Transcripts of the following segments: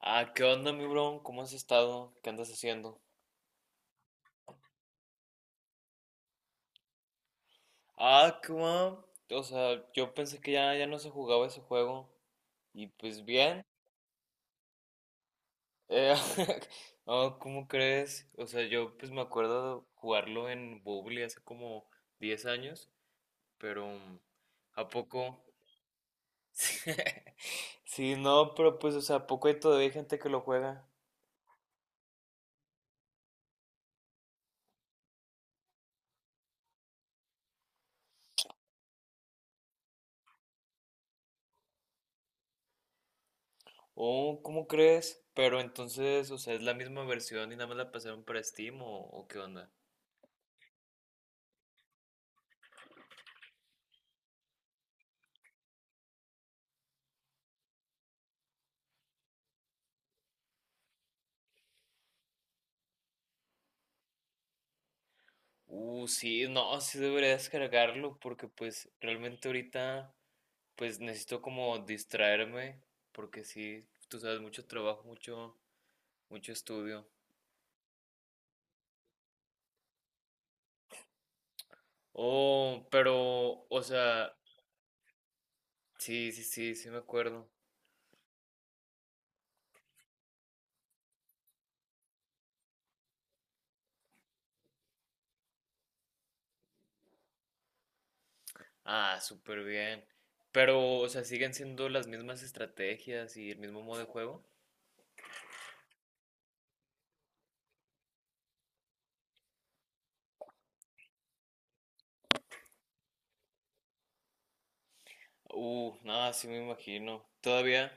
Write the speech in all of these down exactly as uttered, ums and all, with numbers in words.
Ah, ¿qué onda, mi bro? ¿Cómo has estado? ¿Qué andas haciendo? Ah, qué guau. O sea, yo pensé que ya, ya no se jugaba ese juego. Y pues bien. Eh, no, ¿cómo crees? O sea, yo pues me acuerdo de jugarlo en Bubble hace como diez años, pero mm, ¿a poco? Sí, no, pero pues, o sea, ¿a poco hay todavía gente que lo juega? Oh, ¿cómo crees? Pero entonces, o sea, ¿es la misma versión y nada más la pasaron para Steam o, o qué onda? Uh, sí, no, sí debería descargarlo porque pues realmente ahorita pues necesito como distraerme porque sí, tú sabes, mucho trabajo, mucho, mucho estudio. Oh, pero, o sea, sí, sí, sí, sí me acuerdo. Ah, súper bien. Pero, o sea, siguen siendo las mismas estrategias y el mismo modo de juego. Uh, nada, sí me imagino. Todavía,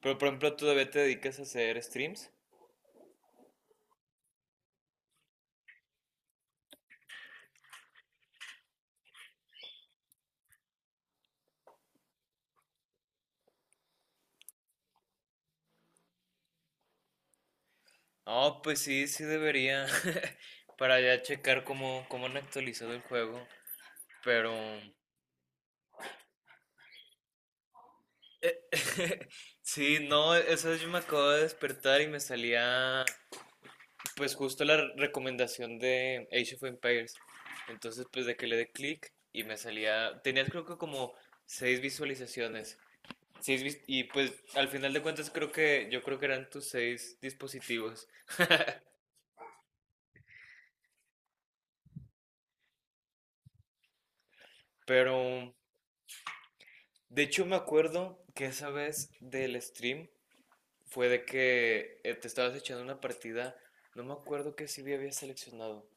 pero por ejemplo, ¿todavía te dedicas a hacer streams? Oh, pues sí, sí debería. Para ya checar cómo, cómo han actualizado el juego. Pero. eh, sí, no, eso yo me acabo de despertar y me salía. Pues justo la re- recomendación de Age of Empires. Entonces, pues de que le dé clic y me salía. Tenías creo que como seis visualizaciones. Seis vis- y pues al final de cuentas creo que. Yo creo que eran tus seis dispositivos. Pero. De hecho, me acuerdo que esa vez del stream. Fue de que eh, te estabas echando una partida, no me acuerdo qué C V habías seleccionado,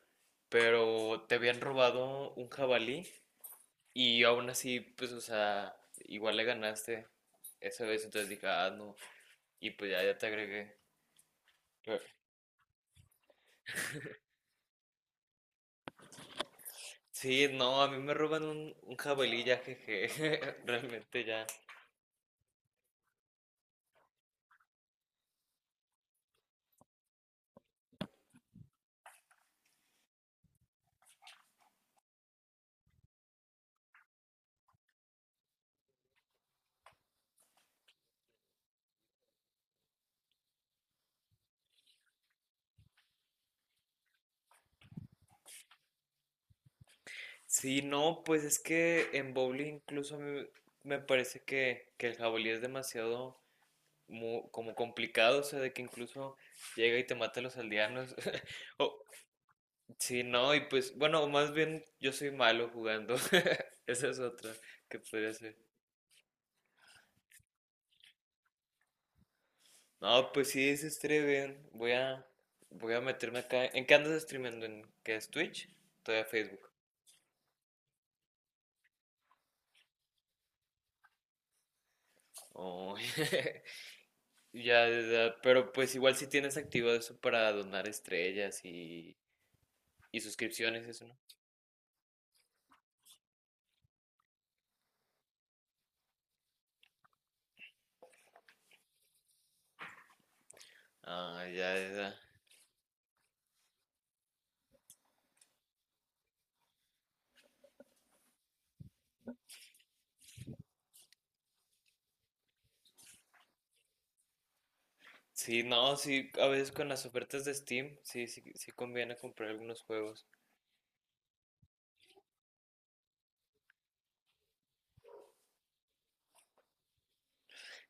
pero te habían robado un jabalí y aún así, pues, o sea, igual le ganaste esa vez, entonces dije, ah, no, y pues ya, ya te agregué. Eh. Sí, no, a mí me roban un, un jabalí ya, jeje, realmente ya. Sí, no, pues es que en bowling incluso a mí me parece que, que el jabalí es demasiado mu- como complicado, o sea, de que incluso llega y te mata a los aldeanos. O, sí, no, y pues, bueno, más bien yo soy malo jugando. Esa es otra que podría ser. No, pues sí, se streamen. Voy a, voy a meterme acá. ¿En qué andas streamando? ¿En qué es Twitch? Todavía Facebook. Oh, ya, ya, ya, pero pues igual si tienes activado eso para donar estrellas y, y suscripciones, eso, ¿no? Ah, ya, ya. Ya. Sí, no, sí, a veces con las ofertas de Steam, sí, sí, sí conviene comprar algunos juegos.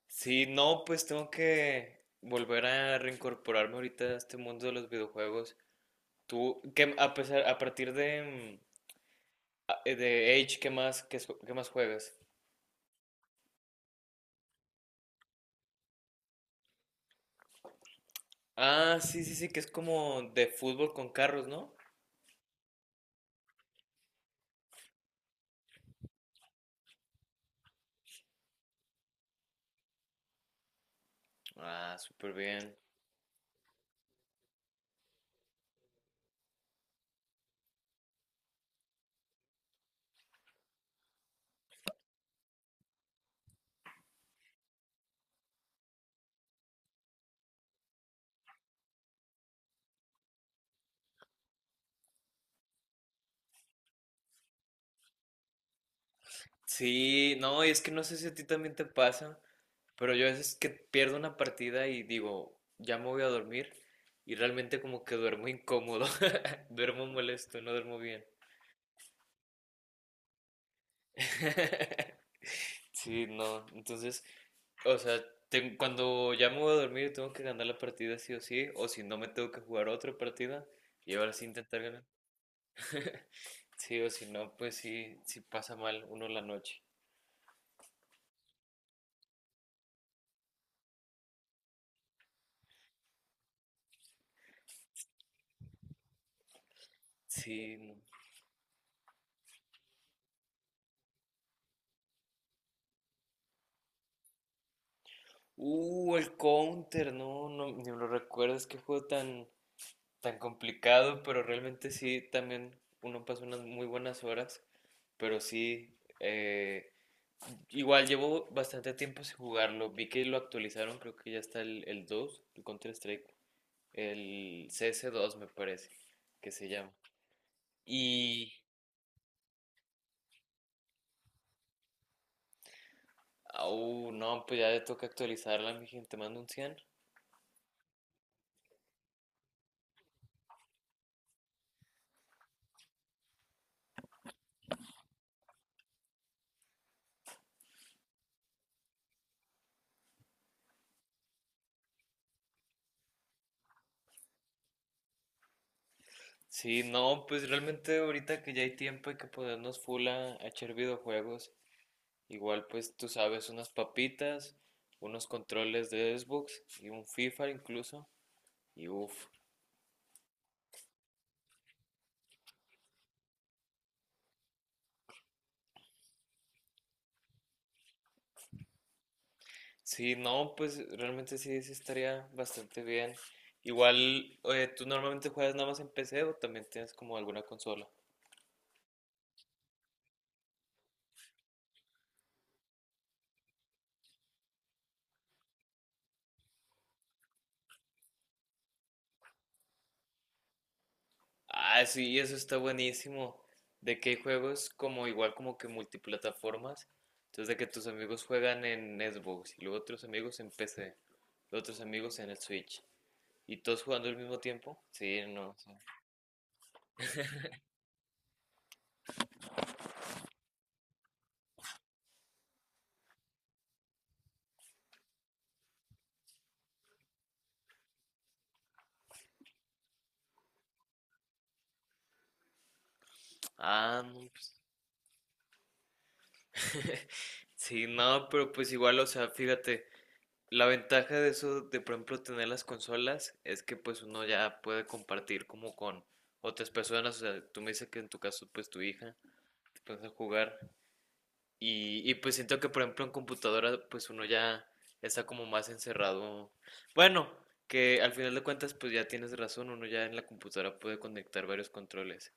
Sí, no, pues tengo que volver a reincorporarme ahorita a este mundo de los videojuegos. Tú, que a pesar, a partir de, mm, a- eh, de Age, ¿qué más, qué, es- qué más juegas? Ah, sí, sí, sí, que es como de fútbol con carros, ¿no? Ah, súper bien. Sí, no, y es que no sé si a ti también te pasa, pero yo a veces que pierdo una partida y digo, ya me voy a dormir, y realmente como que duermo incómodo, duermo molesto, no duermo bien. Sí, no, entonces, o sea, ten- cuando ya me voy a dormir tengo que ganar la partida sí o sí, o si no me tengo que jugar otra partida y ahora sí intentar ganar. Sí, o si no, pues sí, sí pasa mal uno la noche. Sí, no. Uh, el Counter, no, no, ni me lo recuerdo, es que juego tan, tan complicado, pero realmente sí, también uno pasa unas muy buenas horas, pero sí, eh, igual llevo bastante tiempo sin jugarlo, vi que lo actualizaron, creo que ya está el, el dos el Counter Strike, el C S dos me parece que se llama. Y, uh, no, pues ya le toca actualizarla, mi gente, te mando un cien. Sí, no, pues realmente ahorita que ya hay tiempo hay que ponernos full a, a echar videojuegos. Igual, pues tú sabes, unas papitas, unos controles de Xbox y un FIFA incluso. Y uff, sí, no, pues realmente sí, sí estaría bastante bien. Igual, eh, ¿tú normalmente juegas nada más en P C o también tienes como alguna consola? Ah, sí, eso está buenísimo. De que hay juegos como igual como que multiplataformas. Entonces de que tus amigos juegan en Xbox y luego otros amigos en P C, los otros amigos en el Switch. ¿Y todos jugando al mismo tiempo? Sí, no. Sí. Ah, no, pues, sí, no, pero pues igual, o sea, fíjate, la ventaja de eso, de por ejemplo tener las consolas, es que pues uno ya puede compartir como con otras personas, o sea, tú me dices que en tu caso pues tu hija, te pones a jugar, Y, y pues siento que, por ejemplo, en computadora, pues uno ya está como más encerrado. Bueno, que al final de cuentas, pues ya tienes razón, uno ya en la computadora puede conectar varios controles.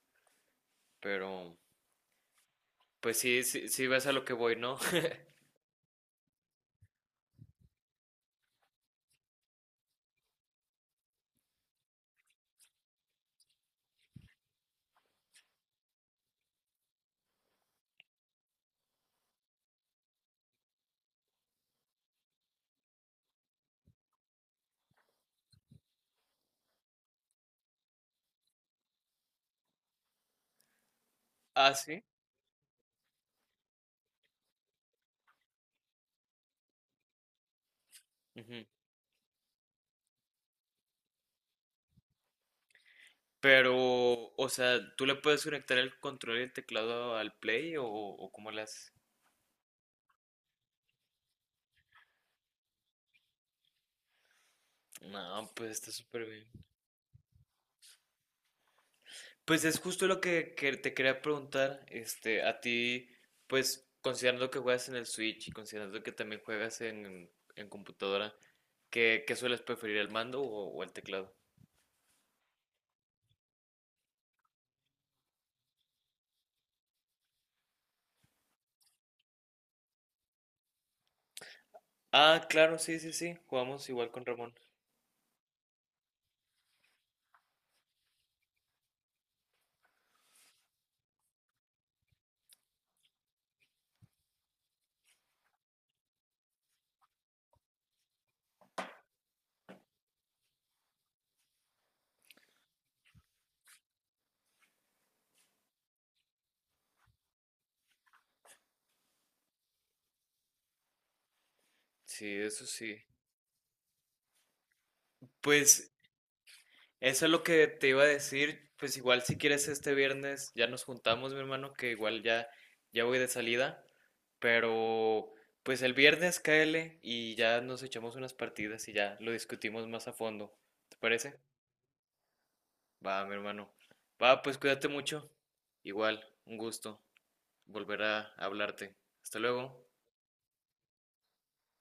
Pero, pues sí, sí, sí ves a lo que voy, ¿no? Ah, sí. Ujú. Pero, o sea, ¿tú le puedes conectar el control y el teclado al Play o, o cómo le haces? No, pues está súper. Pues es justo lo que, que te quería preguntar, este, a ti, pues considerando que juegas en el Switch y considerando que también juegas en, en computadora, ¿qué, qué sueles preferir, el mando o, o el teclado? Ah, claro, sí, sí, sí, jugamos igual con Ramón. Sí, eso sí. Pues eso es lo que te iba a decir, pues igual si quieres este viernes ya nos juntamos, mi hermano, que igual ya ya voy de salida, pero pues el viernes cáele y ya nos echamos unas partidas y ya lo discutimos más a fondo. ¿Te parece? Va, mi hermano. Va, pues cuídate mucho. Igual, un gusto volver a hablarte. Hasta luego.